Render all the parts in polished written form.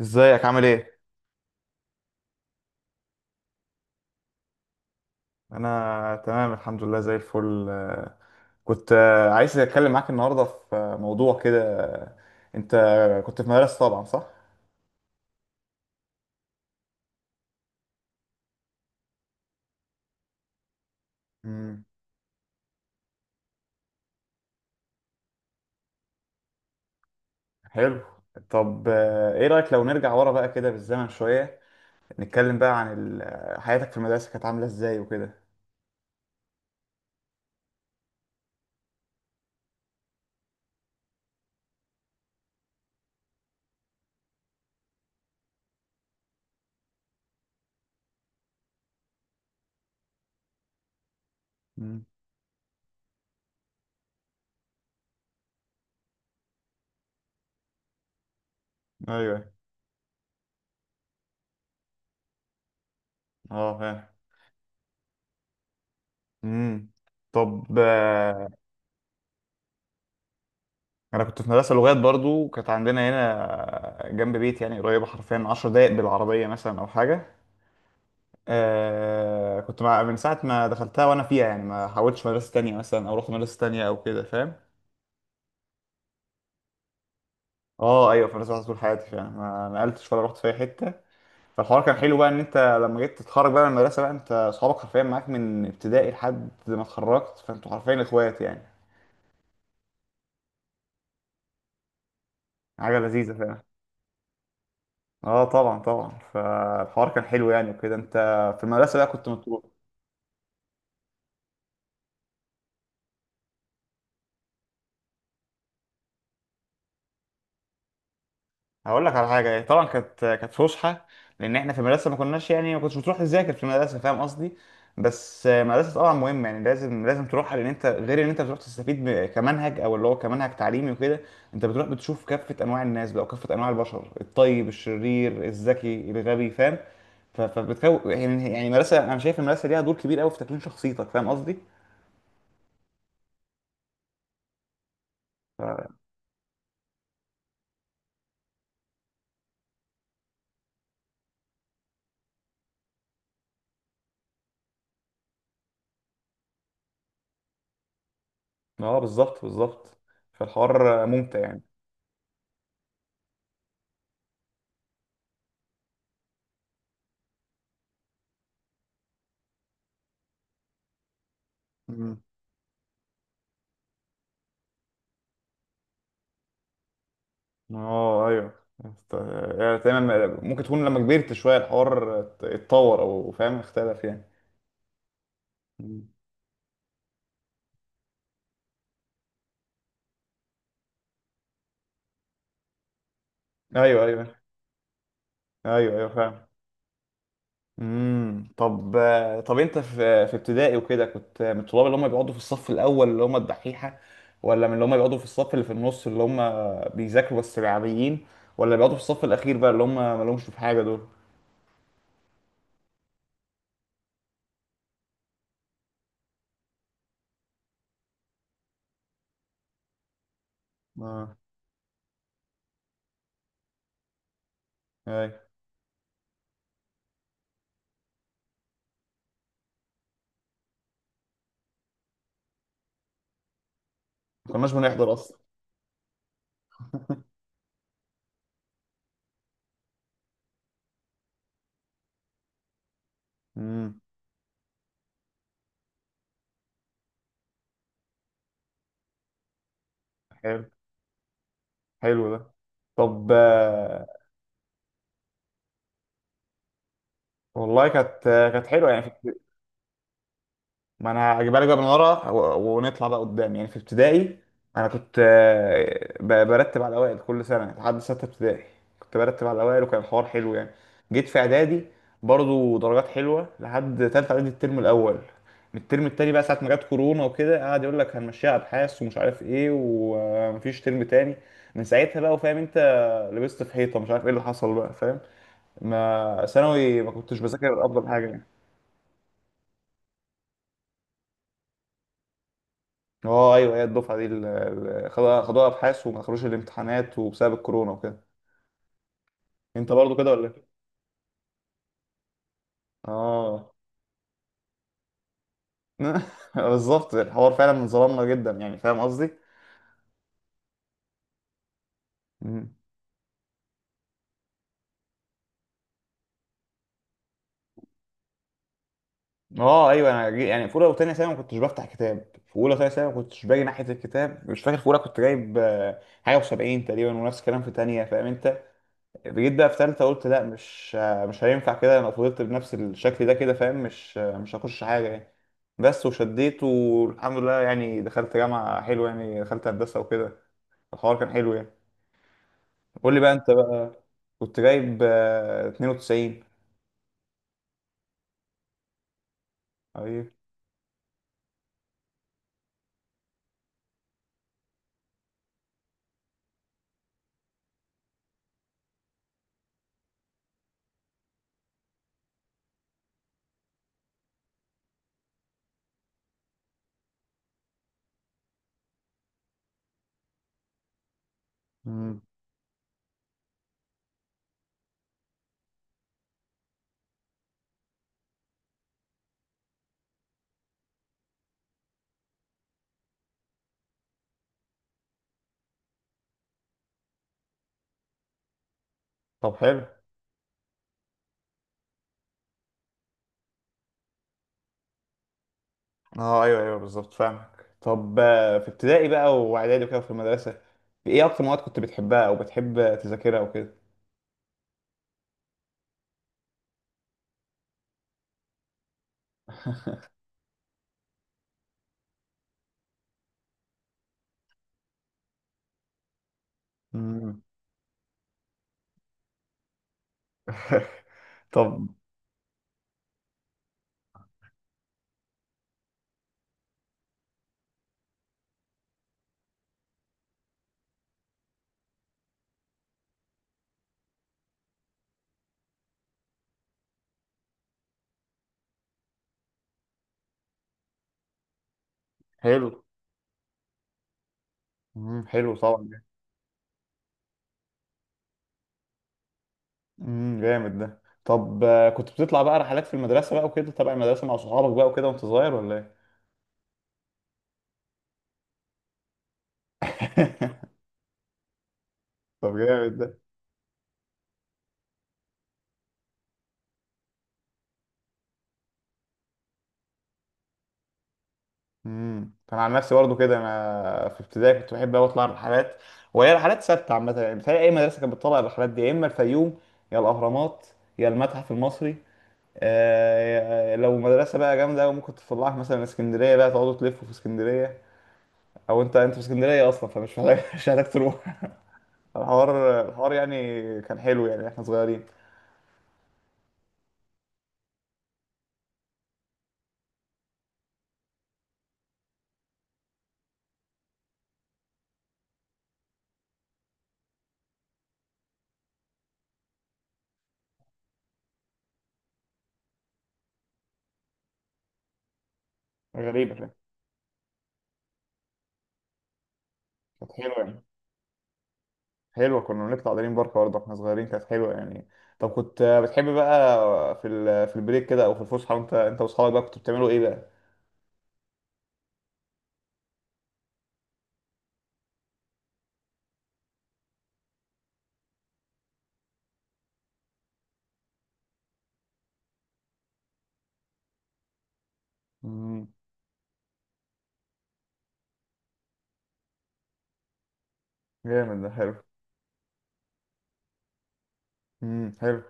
ازيك عامل ايه؟ انا تمام الحمد لله زي الفل. كنت عايز اتكلم معاك النهارده في موضوع كده انت كنت في مدرسة طبعا صح؟ امم. حلو. طب ايه رأيك لو نرجع ورا بقى كده بالزمن شوية، نتكلم بقى عن حياتك في المدرسة كانت عاملة ازاي وكده. امم. ايوه. اه فاهم. امم. طب انا كنت في مدرسة لغات برضو، كانت عندنا هنا جنب بيتي يعني قريبة حرفيا 10 دقايق بالعربية مثلا او حاجة. كنت مع من ساعة ما دخلتها وأنا فيها، يعني ما حاولتش مدرسة تانية مثلا أو رحت مدرسة تانية أو كده فاهم. اه ايوه، في مدرسة واحدة طول حياتي فعلا، ما نقلتش ولا رحت في أي حتة. فالحوار كان حلو بقى إن أنت لما جيت تتخرج بقى من المدرسة بقى أنت أصحابك حرفيا معاك من ابتدائي لحد ما اتخرجت، فأنتوا حرفيا إخوات يعني. حاجة لذيذة فعلا. اه طبعا طبعا، فالحوار كان حلو يعني وكده. أنت في المدرسة بقى كنت مطلوب. هقول لك على حاجه إيه، طبعا كانت فسحه، لان احنا في المدرسه ما كناش يعني ما كنتش بتروح تذاكر في المدرسه، فاهم قصدي. بس المدرسه طبعا مهمه، يعني لازم لازم تروحها، لان انت غير ان انت بتروح تستفيد كمنهج او اللي هو كمنهج تعليمي وكده. انت بتروح بتشوف كافه انواع الناس بقى وكافه انواع البشر، الطيب الشرير الذكي الغبي فاهم. ف- فبتكون يعني المدرسه، انا شايف المدرسه ليها دور كبير قوي في تكوين شخصيتك، فاهم قصدي. ف- اه بالظبط بالظبط. فالحوار ممتع يعني. اه ايوه. است- يعني تمام، ممكن تكون لما كبرت شويه الحوار ات- اتطور او فاهم اختلف يعني. مم. ايوه ايوه ايوه ايوه فاهم. امم. طب انت في ابتدائي وكده كنت من الطلاب اللي هم بيقعدوا في الصف الاول اللي هم الدحيحه، ولا من اللي هم بيقعدوا في الصف اللي في النص اللي هم بيذاكروا بس العاديين، ولا بيقعدوا في الصف الاخير بقى اللي هم مالهمش في حاجه دول. اه ايوه ما كناش بنحضر اصلا. امم. حلو. حلو ده. طب والله كانت حلوه يعني، في ما انا هجيبها لك بقى من ورا ونطلع بقى قدام. يعني في ابتدائي انا كنت برتب على الاوائل كل سنه يعني، لحد سته ابتدائي كنت برتب على الاوائل وكان الحوار حلو يعني. جيت في اعدادي برضو درجات حلوه لحد تالته اعدادي الترم الاول. من الترم التاني بقى ساعه ما جت كورونا وكده، قعد يقول لك هنمشيها ابحاث ومش عارف ايه ومفيش ترم تاني. من ساعتها بقى وفاهم انت، لبست في حيطه، مش عارف ايه اللي حصل بقى فاهم. ما ثانوي ما كنتش بذاكر افضل حاجه يعني. اه ايوه، هي الدفعه دي اللي خدوها خدوها ابحاث وما دخلوش الامتحانات وبسبب الكورونا وكده. انت برضو كده ولا ايه؟ اه. بالظبط، الحوار فعلا ظلمنا جدا يعني، فاهم قصدي؟ مم. اه ايوه، انا يعني في اولى وثانيه ثانوي ما كنتش بفتح كتاب، في اولى وثانيه ثانوي ما كنتش باجي ناحيه الكتاب. مش فاكر، في اولى كنت جايب حاجه و70 تقريبا، ونفس الكلام في ثانيه فاهم انت. جيت بقى في تالتة قلت لا، مش هينفع كده، انا فضلت بنفس الشكل ده كده فاهم، مش هخش حاجة يعني. بس وشديت والحمد لله يعني، دخلت جامعة حلوة يعني، دخلت هندسة وكده. الحوار كان حلو يعني. قول لي بقى انت بقى. كنت جايب 92. ايوه. مم. طب حلو. اه ايوه ايوه بالظبط فاهمك. طب في ابتدائي بقى واعدادي وكده في المدرسة، ايه اكتر مواد كنت بتحبها او بتحب تذاكرها وكده. مم. طب حلو. مم. حلو طبعا. جامد ده. طب كنت بتطلع بقى رحلات في المدرسة بقى وكده تبع المدرسة مع صحابك بقى وكده وانت صغير ولا ايه؟ طب جامد ده. امم، انا عن نفسي برضه كده، انا في ابتدائي كنت بحب قوي اطلع رحلات، وهي رحلات ثابته عامه يعني، بتهيألي اي مدرسه كانت بتطلع الرحلات دي، يا اما الفيوم يا الاهرامات يا المتحف المصري. آه لو مدرسه بقى جامده ممكن تطلعك مثلا اسكندريه، بقى تقعدوا تلفوا في اسكندريه. او انت في اسكندريه اصلا فمش محتاج، مش محتاج تروح. الحوار يعني كان حلو يعني، احنا صغيرين. غريبة كده. كانت حلوة يعني. حلوة، كنا بنطلع دريم بارك برضه واحنا صغيرين، كانت حلوة يعني. طب كنت بتحب بقى في في البريك كده او في الفسحة، وانت انت واصحابك بقى كنتوا بتعملوا ايه بقى؟ امم جامد ده حلو. حلو.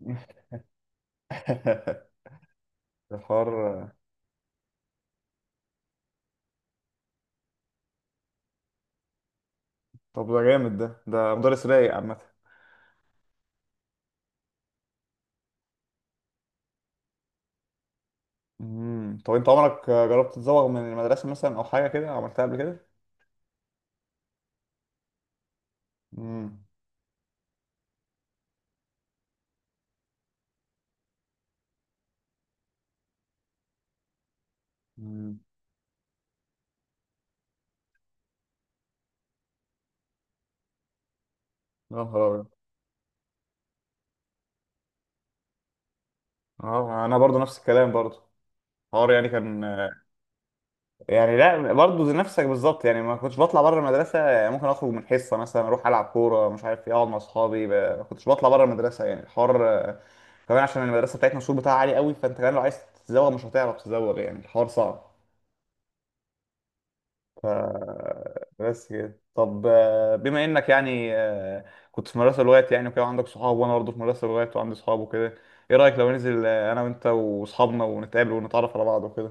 ده حوار. طب ده جامد ده مدرس رايق عامة. امم، طب انت عمرك جربت تزوغ من المدرسة مثلا او حاجة كده عملتها قبل كده؟ امم. امم. يا نهار أبيض. اه انا برضو نفس الكلام برضو. حوار يعني كان، يعني لا برضه زي نفسك بالظبط يعني، ما كنتش بطلع بره المدرسه يعني، ممكن اخرج من حصه مثلا اروح العب كوره مش عارف ايه، اقعد مع اصحابي ما كنتش بطلع بره المدرسه يعني. الحوار كمان عشان المدرسه بتاعتنا السور بتاعها عالي قوي، فانت كمان لو عايز تزوغ مش هتعرف تزوغ يعني، الحوار صعب. بس كده. طب بما انك يعني كنت في مدرسه لغات يعني وكده عندك صحاب، وانا برضه في مدرسه لغات وعندي صحاب وكده، ايه رايك لو ننزل انا وانت واصحابنا ونتقابل ونتعرف على بعض وكده.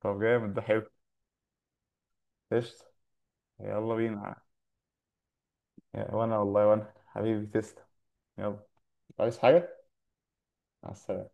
طب جامد ده حلو. قشطة. يلا بينا. يا- وانا والله وانا حبيبي تسلم. يلا، عايز حاجة؟ مع السلامة.